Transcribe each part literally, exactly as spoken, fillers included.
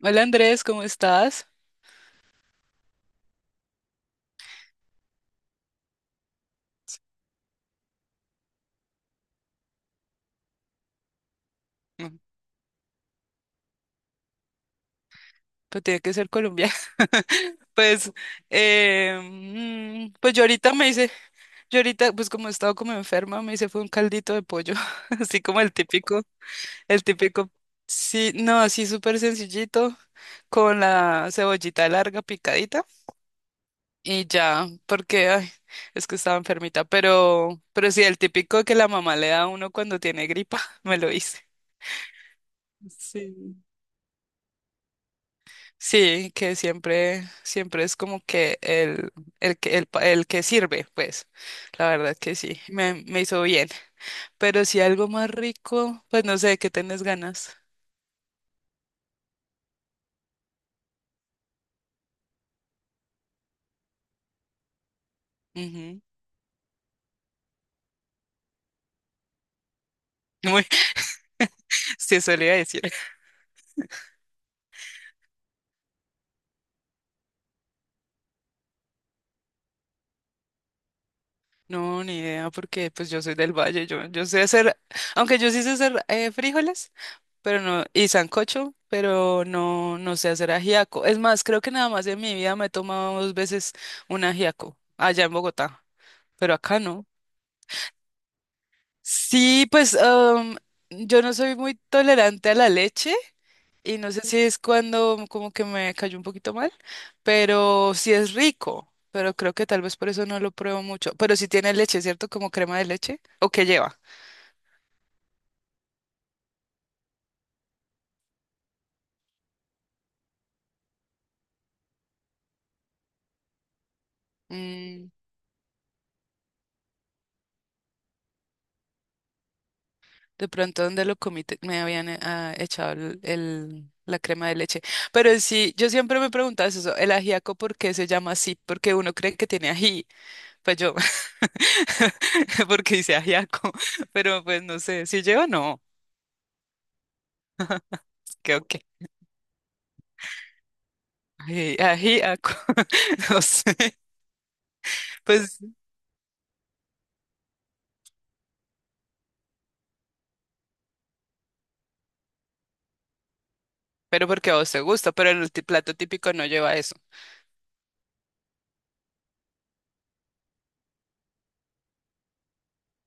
Hola Andrés, ¿cómo estás? Mm, pues tiene que ser colombiano. Pues, eh, mm, pues yo ahorita me hice, yo ahorita, pues como he estado como enferma, me hice fue un caldito de pollo, así como el típico, el típico, sí, no, así súper sencillito, con la cebollita larga picadita y ya, porque, ay, es que estaba enfermita, pero, pero sí, el típico que la mamá le da a uno cuando tiene gripa, me lo hice. Sí. Sí, que siempre, siempre es como que el, el que el, pa- el que sirve, pues, la verdad que sí, me, me hizo bien. Pero si algo más rico, pues no sé, ¿qué tenés ganas? Ujú. Muy, sí, solía decir. No, ni idea, porque pues yo soy del valle, yo, yo sé hacer, aunque yo sí sé hacer eh, frijoles, pero no, y sancocho, pero no, no sé hacer ajiaco. Es más, creo que nada más en mi vida me he tomado dos veces un ajiaco, allá en Bogotá, pero acá no. Sí, pues am, yo no soy muy tolerante a la leche y no sé si es cuando como que me cayó un poquito mal, pero sí es rico, pero creo que tal vez por eso no lo pruebo mucho. Pero sí tiene leche, ¿cierto? Como crema de leche. ¿O qué lleva? Mm, de pronto donde lo comí te- me habían eh, ah, echado el, el- la crema de leche. Pero sí, yo siempre me preguntaba eso, el ajiaco, ¿por qué se llama así? Porque uno cree que tiene ají. Pues yo, porque dice ajiaco, pero pues no sé, si lleva no, creo que aji- ajiaco, no sé, pues, pero porque a vos te gusta, pero el ti- plato típico no lleva eso.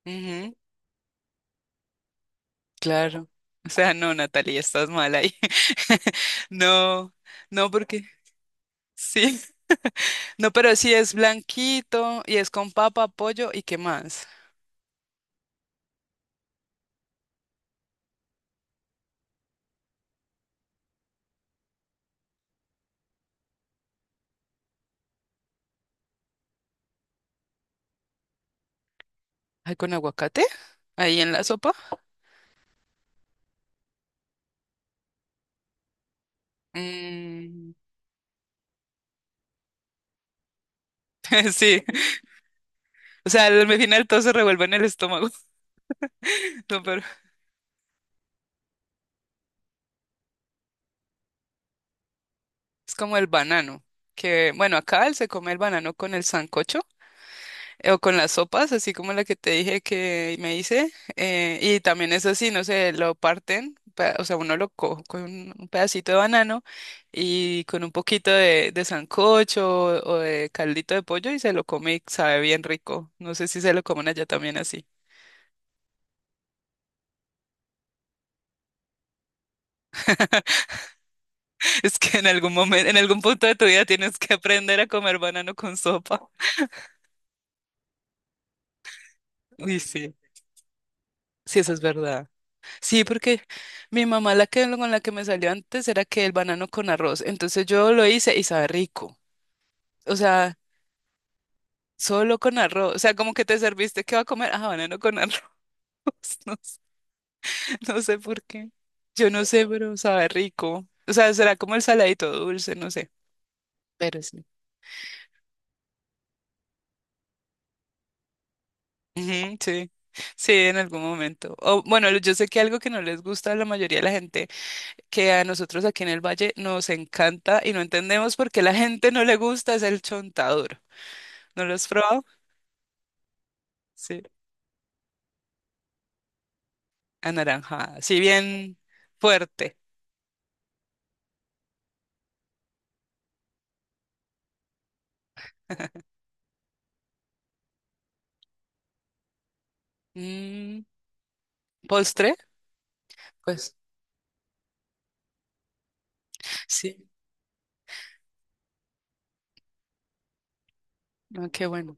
Ujú, claro, o sea, no, Natalia, estás mal ahí. No, no, porque sí, no, pero sí es blanquito y es con papa, pollo y qué más. ¿Hay con aguacate? Ahí en la sopa. Mm, sí, o sea, al final todo se revuelve en el estómago. No, pero es como el banano, que bueno, acá él se come el banano con el sancocho eh, o con las sopas, así como la que te dije que me hice. Eh, y también es así, no sé, lo parten, pa- o sea, uno lo coge con un, un pedacito de banano y con un poquito de, de sancocho o, o de caldito de pollo y se lo come y sabe bien rico. No sé si se lo comen allá también así. Es que en algún momento, en algún punto de tu vida tienes que aprender a comer banano con sopa. Uy, sí. Sí, eso es verdad. Sí, porque mi mamá, la que con la que me salió antes, era que el banano con arroz. Entonces yo lo hice y sabe rico. O sea, solo con arroz. O sea, como que te serviste, ¿qué va a comer? Ah, banano con arroz. No, s- no sé por qué. Yo no sé, pero sabe rico. O sea, será como el saladito dulce, no sé. Pero sí. Ujú, sí. Sí, en algún momento. O bueno, yo sé que algo que no les gusta a la mayoría de la gente, que a nosotros aquí en el Valle nos encanta y no entendemos por qué la gente no le gusta es el chontaduro. ¿No lo has probado? Sí, anaranjada, sí, bien fuerte. Mm, ¿postre? Pues sí, no, qué bueno.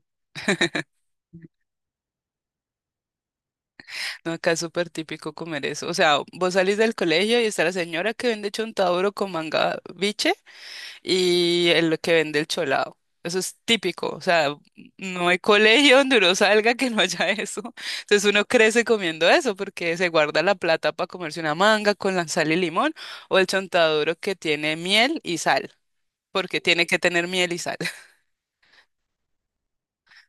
No, acá es súper típico comer eso. O sea, vos salís del colegio y está la señora que vende chontaduro con manga biche y el que vende el cholado. Eso es típico, o sea, no hay colegio donde uno salga que no haya eso. Entonces uno crece comiendo eso porque se guarda la plata para comerse una manga con la sal y limón o el chontaduro que tiene miel y sal, porque tiene que tener miel y sal.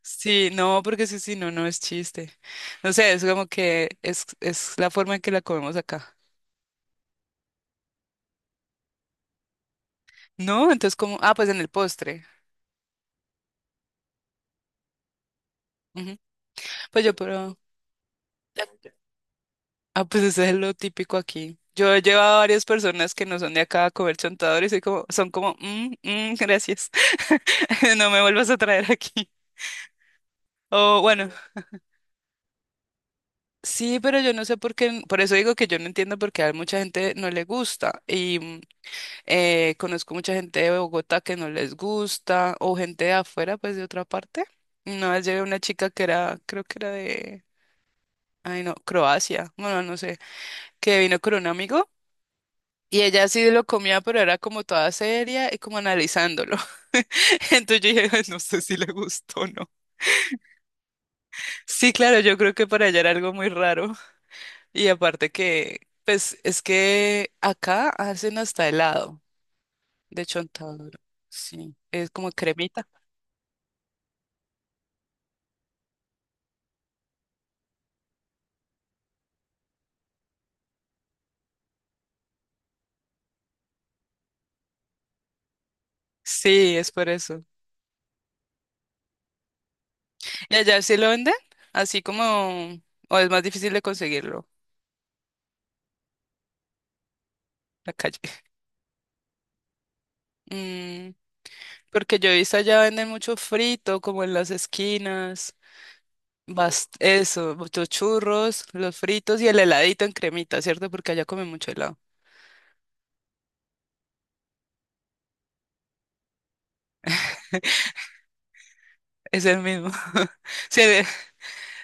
Sí, no, porque sí, sí, no, no es chiste. No sé, es como que es, es la forma en que la comemos acá. No, entonces como, ah, pues en el postre. Ujú. Pues yo, pero... Ah, pues eso es lo típico aquí. Yo he llevado a varias personas que no son de acá a comer chontador y soy como, son como, "Mm, mm, gracias, no me vuelvas a traer aquí." O bueno, sí, pero yo no sé por qué, por eso digo que yo no entiendo por qué a mucha gente no le gusta. Y mm, eh, conozco mucha gente de Bogotá que no les gusta, o gente de afuera, pues de otra parte. Una vez llevé una chica que era, creo que era de, ay no, Croacia, bueno, no sé, que vino con un amigo. Y ella sí lo comía, pero era como toda seria y como analizándolo. Entonces yo dije, "Ay, no sé si le gustó o no." Sí, claro, yo creo que para ella era algo muy raro. Y aparte que, pues es que acá hacen hasta helado de chontaduro. Sí, es como cremita. Sí, es por eso. ¿Y allá sí lo venden? Así como, o es más difícil de conseguirlo, en la calle. Mm, porque yo he visto allá venden mucho frito, como en las esquinas. Bast eso, los churros, los fritos y el heladito en cremita, ¿cierto? Porque allá comen mucho helado. Es el mismo. Sí, de-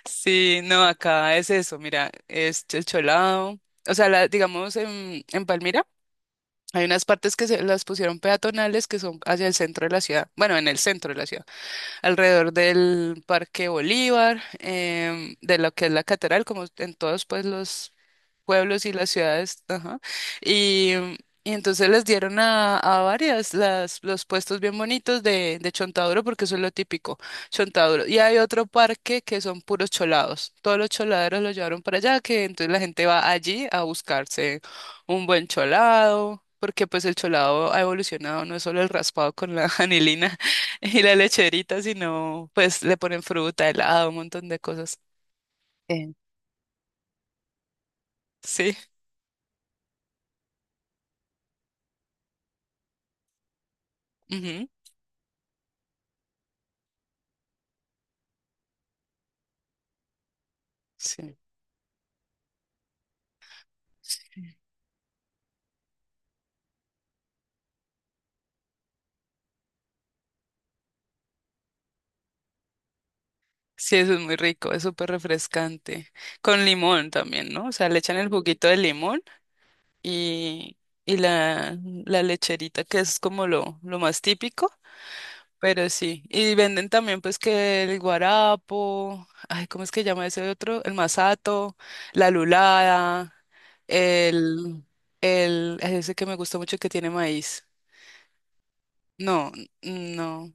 sí, no, acá es eso, mira, es el cholado. O sea, la- digamos en, en Palmira hay unas partes que se las pusieron peatonales que son hacia el centro de la ciudad. Bueno, en el centro de la ciudad, alrededor del Parque Bolívar, em, de lo que es la catedral, como en todos pues los pueblos y las ciudades, ajá. Y, y entonces les dieron a, a varias las, los puestos bien bonitos de, de chontaduro, porque eso es lo típico, chontaduro. Y hay otro parque que son puros cholados. Todos los choladeros los llevaron para allá, que entonces la gente va allí a buscarse un buen cholado. Porque pues el cholado ha evolucionado, no es solo el raspado con la anilina, y la lecherita, si no, pues le ponen fruta, helado, un montón de cosas. Sí. Sí, ujú, sí. Sí, eso es muy rico, es súper refrescante. Con limón también, ¿no? O sea, le echan el juguito de limón y, y la, la lecherita, que es como lo, lo más típico. Pero sí, y venden también pues que el guarapo, ay, ¿cómo es que llama ese otro? El masato, la lulada, el, el, ay, ese que me gusta mucho que tiene maíz. No, n- no,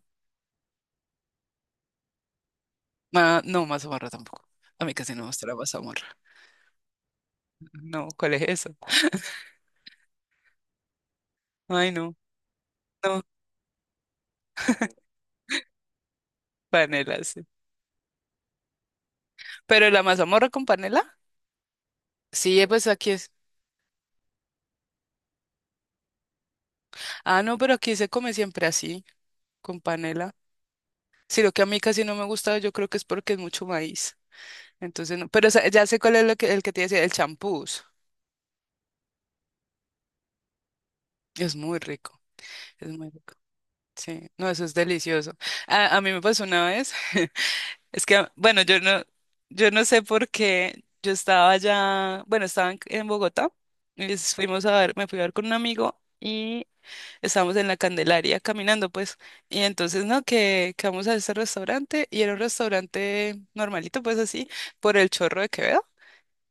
ma- no, mazamorra tampoco. A mí casi no me gusta la mazamorra. No, ¿cuál es eso? Ay, no, no, panela, sí. Pero la mazamorra con panela, sí, eh, pues aquí es. Ah, no, pero aquí se come siempre así, con panela. Si lo que a mí casi no me gusta, yo creo que es porque es mucho maíz. Entonces, no, pero sa- ya sé cuál es lo que, el que te decía, el champús. Es muy rico, es muy rico. Sí, no, eso es delicioso. A, a mí me pasó una vez, es que, bueno, yo no, yo no sé por qué, yo estaba allá, bueno, estaba en, en Bogotá, y es- fuimos a ver, me fui a ver con un amigo y estábamos en la Candelaria caminando, pues, y entonces, no, que, que vamos a este restaurante, y era un restaurante normalito, pues así, por el Chorro de Quevedo.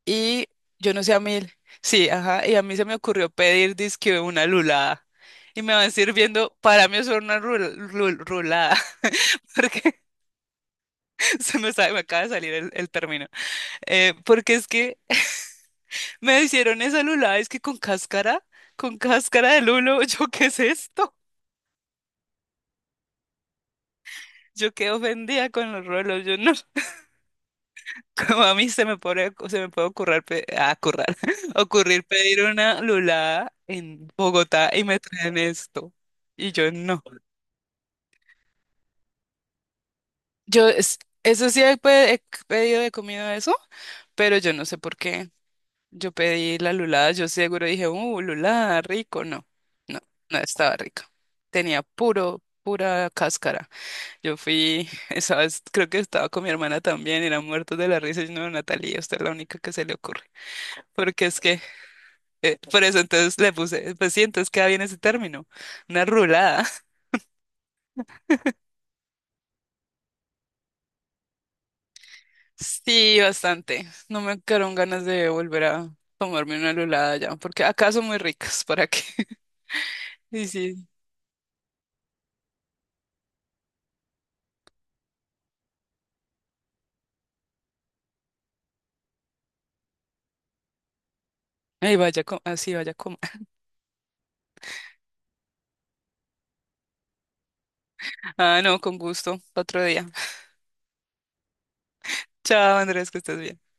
Y yo no sé a mí, sí, ajá, y a mí se me ocurrió pedir disque una lulada. Y me van sirviendo, para mí eso era una rul- rul- rulada, porque se me, sa- me acaba de salir el, el término. Eh, porque es que me hicieron esa lulada, es que con cáscara, con cáscara de lulo, yo, ¿qué es esto? Yo quedé ofendida con los rulos, yo no. Como a mí se me puede, se me puede ocurrir, pe- ah, currar, ocurrir pedir una lulada en Bogotá y me traen esto. Y yo no. Yo, es- eso sí he, pe- he pedido de comida eso, pero yo no sé por qué. Yo pedí la lulada, yo seguro dije, uh, lulada, rico. No, no, no estaba rica. Tenía puro, pura cáscara. Yo fui, esa vez creo que estaba con mi hermana también, era muertos de la risa. Y no, Natalia, usted es la única que se le ocurre. Porque es que eh, por eso entonces le puse, pues sí, entonces queda bien ese término, una rulada. Sí, bastante. No me quedaron ganas de volver a tomarme una rulada ya, porque acá son muy ricas, ¿para qué? Y sí, ay, vaya, co- así vaya como. Ah, no, con gusto, otro día. Chao, Andrés, que estés bien.